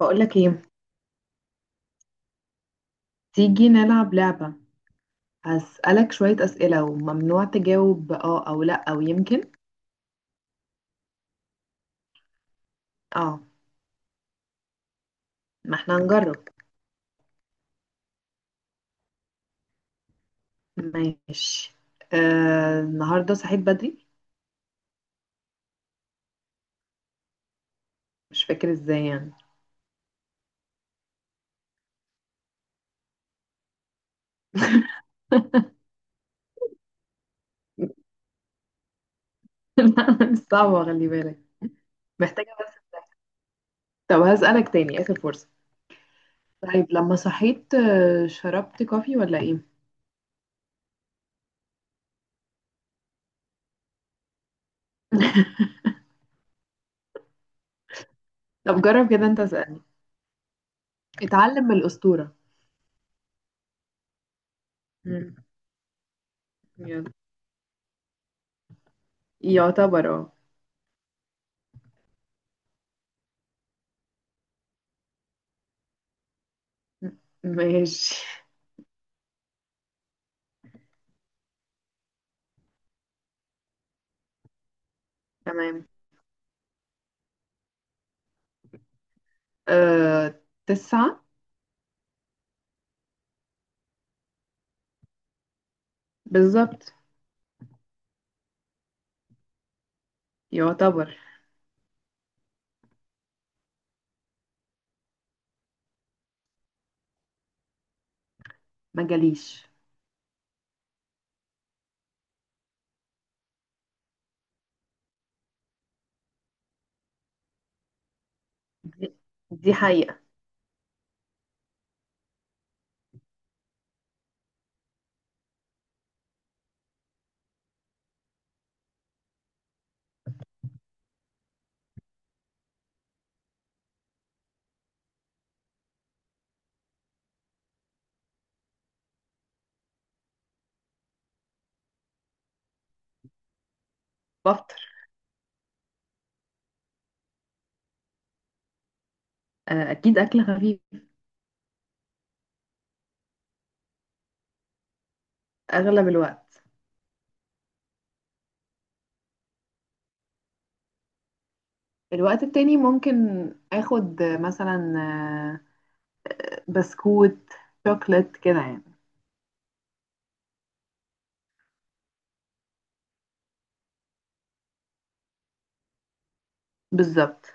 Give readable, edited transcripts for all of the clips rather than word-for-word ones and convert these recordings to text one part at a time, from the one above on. بقولك ايه؟ تيجي نلعب لعبة. هسألك شوية أسئلة، وممنوع تجاوب اه أو لأ أو يمكن. اه، ما احنا هنجرب. ماشي. النهاردة صحيت بدري. مش فاكر ازاي يعني. صعبة، خلي بالك. محتاجة بس. طب هسألك تاني، آخر فرصة. طيب لما صحيت، شربت كوفي ولا ايه؟ طب جرب كده، انت اسألني. اتعلم من الأسطورة. مم، يلا. يعتبر، اه. ماشي، تمام. آه 9. بالظبط. يعتبر. ما جاليش. دي دي حقيقة. بفطر. أكيد أكل خفيف. أغلب الوقت. الوقت التاني ممكن أخد، مثلا، بسكوت، شوكليت كده يعني. بالظبط.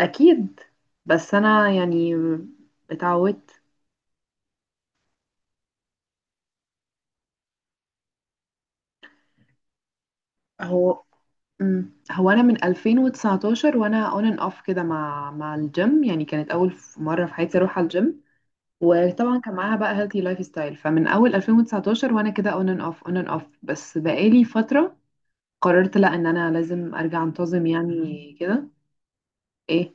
أكيد، بس أنا يعني اتعودت. هو مم. هو أنا من 2019 وأنا on and off كده مع الجيم، يعني كانت أول مرة في حياتي أروح على الجيم. وطبعا كان معاها بقى هيلثي لايف ستايل. فمن اول 2019 وانا كده اون اند اوف اون اند اوف، بس بقالي فتره قررت لا، ان انا لازم ارجع انتظم يعني كده. ايه.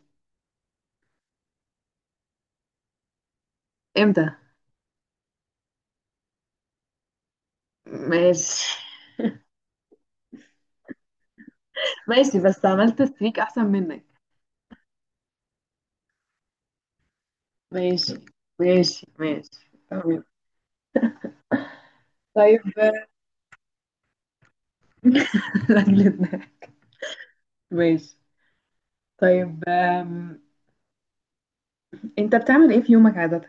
امتى. ماشي، ماشي. بس عملت ستريك احسن منك. ماشي. ماشي، ماشي. تمام. طيب. رجلتنا. ماشي. طيب. انت بتعمل ايه في يومك عادة؟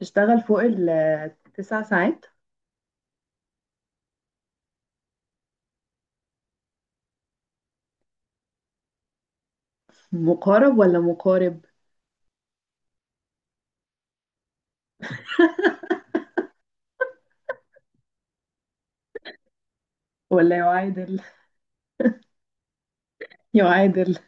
تشتغل فوق التسع ساعات؟ مقارب ولا مقارب؟ ولا يعادل؟ يعادل.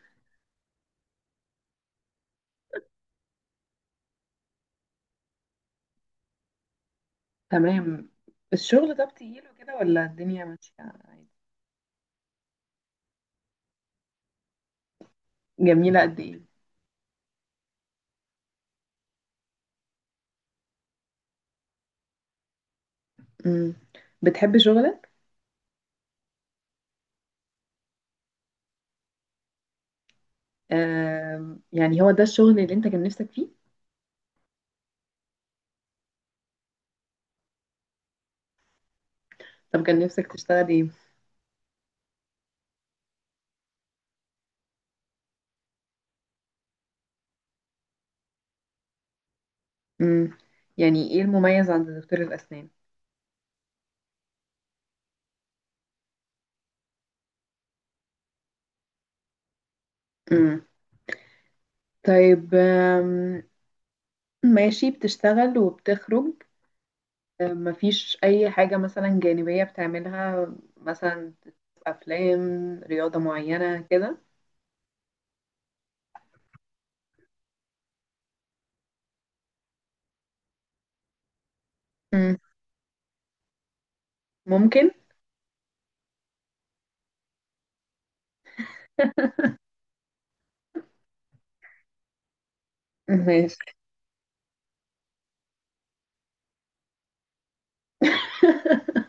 تمام. الشغل ده بتجيله كده ولا الدنيا ماشية عادي؟ جميلة قد ايه؟ مم. بتحب شغلك؟ يعني هو ده الشغل اللي انت كان نفسك فيه؟ طب كان نفسك تشتغل ايه؟ مم. يعني ايه المميز عند دكتور الأسنان؟ مم. طيب. ماشي، بتشتغل وبتخرج. مفيش أي حاجة مثلا جانبية بتعملها؟ مثلا أفلام، رياضة معينة كده؟ مم. ممكن. ماشي.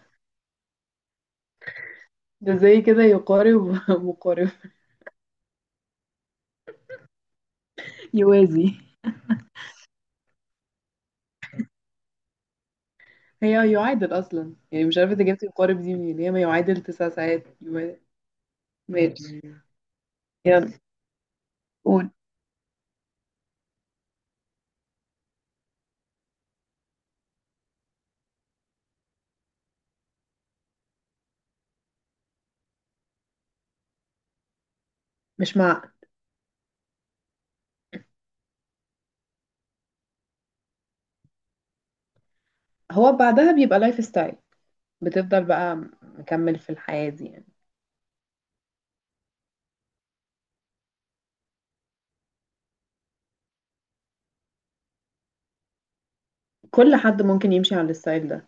ده زي كده يقارب. مقارب. يوازي. هي يعادل أصلا، يعني مش عارفة انت جبت يقارب دي منين، هي ما يعادل 9 ساعات ماشي. يلا قول. مش مع. هو بعدها بيبقى لايف ستايل، بتفضل بقى مكمل في الحياة دي يعني. كل حد ممكن يمشي على الستايل ده.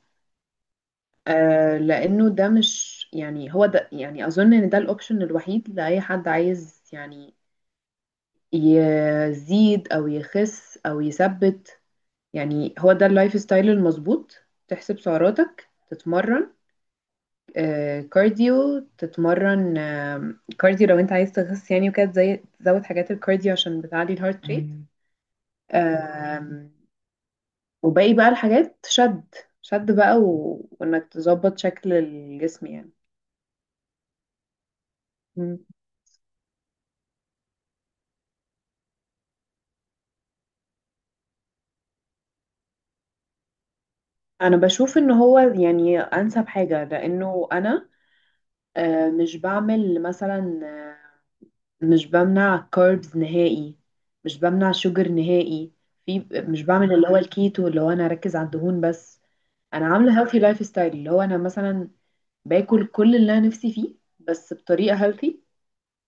لأنه ده مش يعني، هو ده يعني أظن إن ده الأوبشن الوحيد لأي حد عايز يعني يزيد أو يخس أو يثبت. يعني هو ده اللايف ستايل المظبوط، تحسب سعراتك، تتمرن كارديو، تتمرن كارديو لو انت عايز تخس يعني، وكده زي تزود حاجات الكارديو عشان بتعلي الهارت ريت. مم. آه. وباقي بقى الحاجات، شد. شد بقى و... وانك تظبط شكل الجسم يعني. مم. انا بشوف ان هو يعني انسب حاجة، لانه انا مش بعمل مثلا، مش بمنع كاربز نهائي، مش بمنع شوجر نهائي، في مش بعمل اللي هو الكيتو اللي هو انا اركز على الدهون بس. انا عامله هيلثي لايف ستايل اللي هو انا مثلا باكل كل اللي انا نفسي فيه، بس بطريقه هيلثي.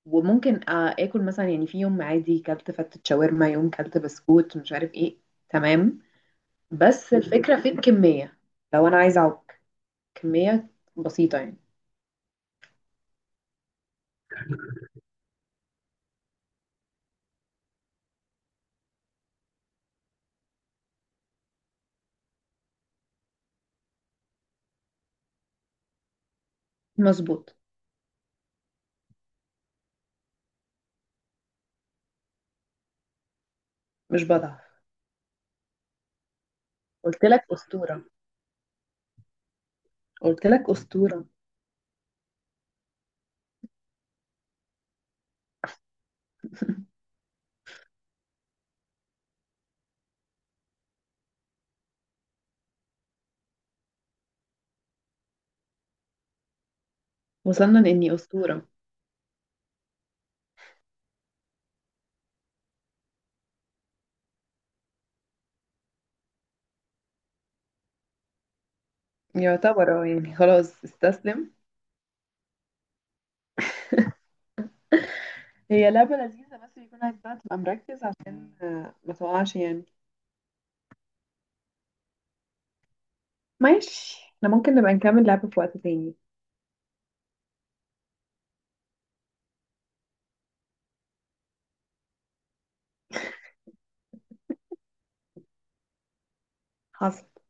وممكن اكل مثلا، يعني في يوم عادي كلت فتة شاورما، يوم كلت بسكوت مش عارف ايه. تمام، بس الفكره في الكميه، لو انا عايزه اعوج كميه بسيطه يعني. مظبوط. مش بضعف. قلت لك اسطوره. قلت لك اسطوره. وصلنا لإني أسطورة. يعتبر، اه، يعني خلاص استسلم. هي لعبة لذيذة، بس يكون عايز بقى تبقى مركز عشان ما تقعش يعني. ماشي، احنا ممكن نبقى نكمل لعبة في وقت تاني. حصل.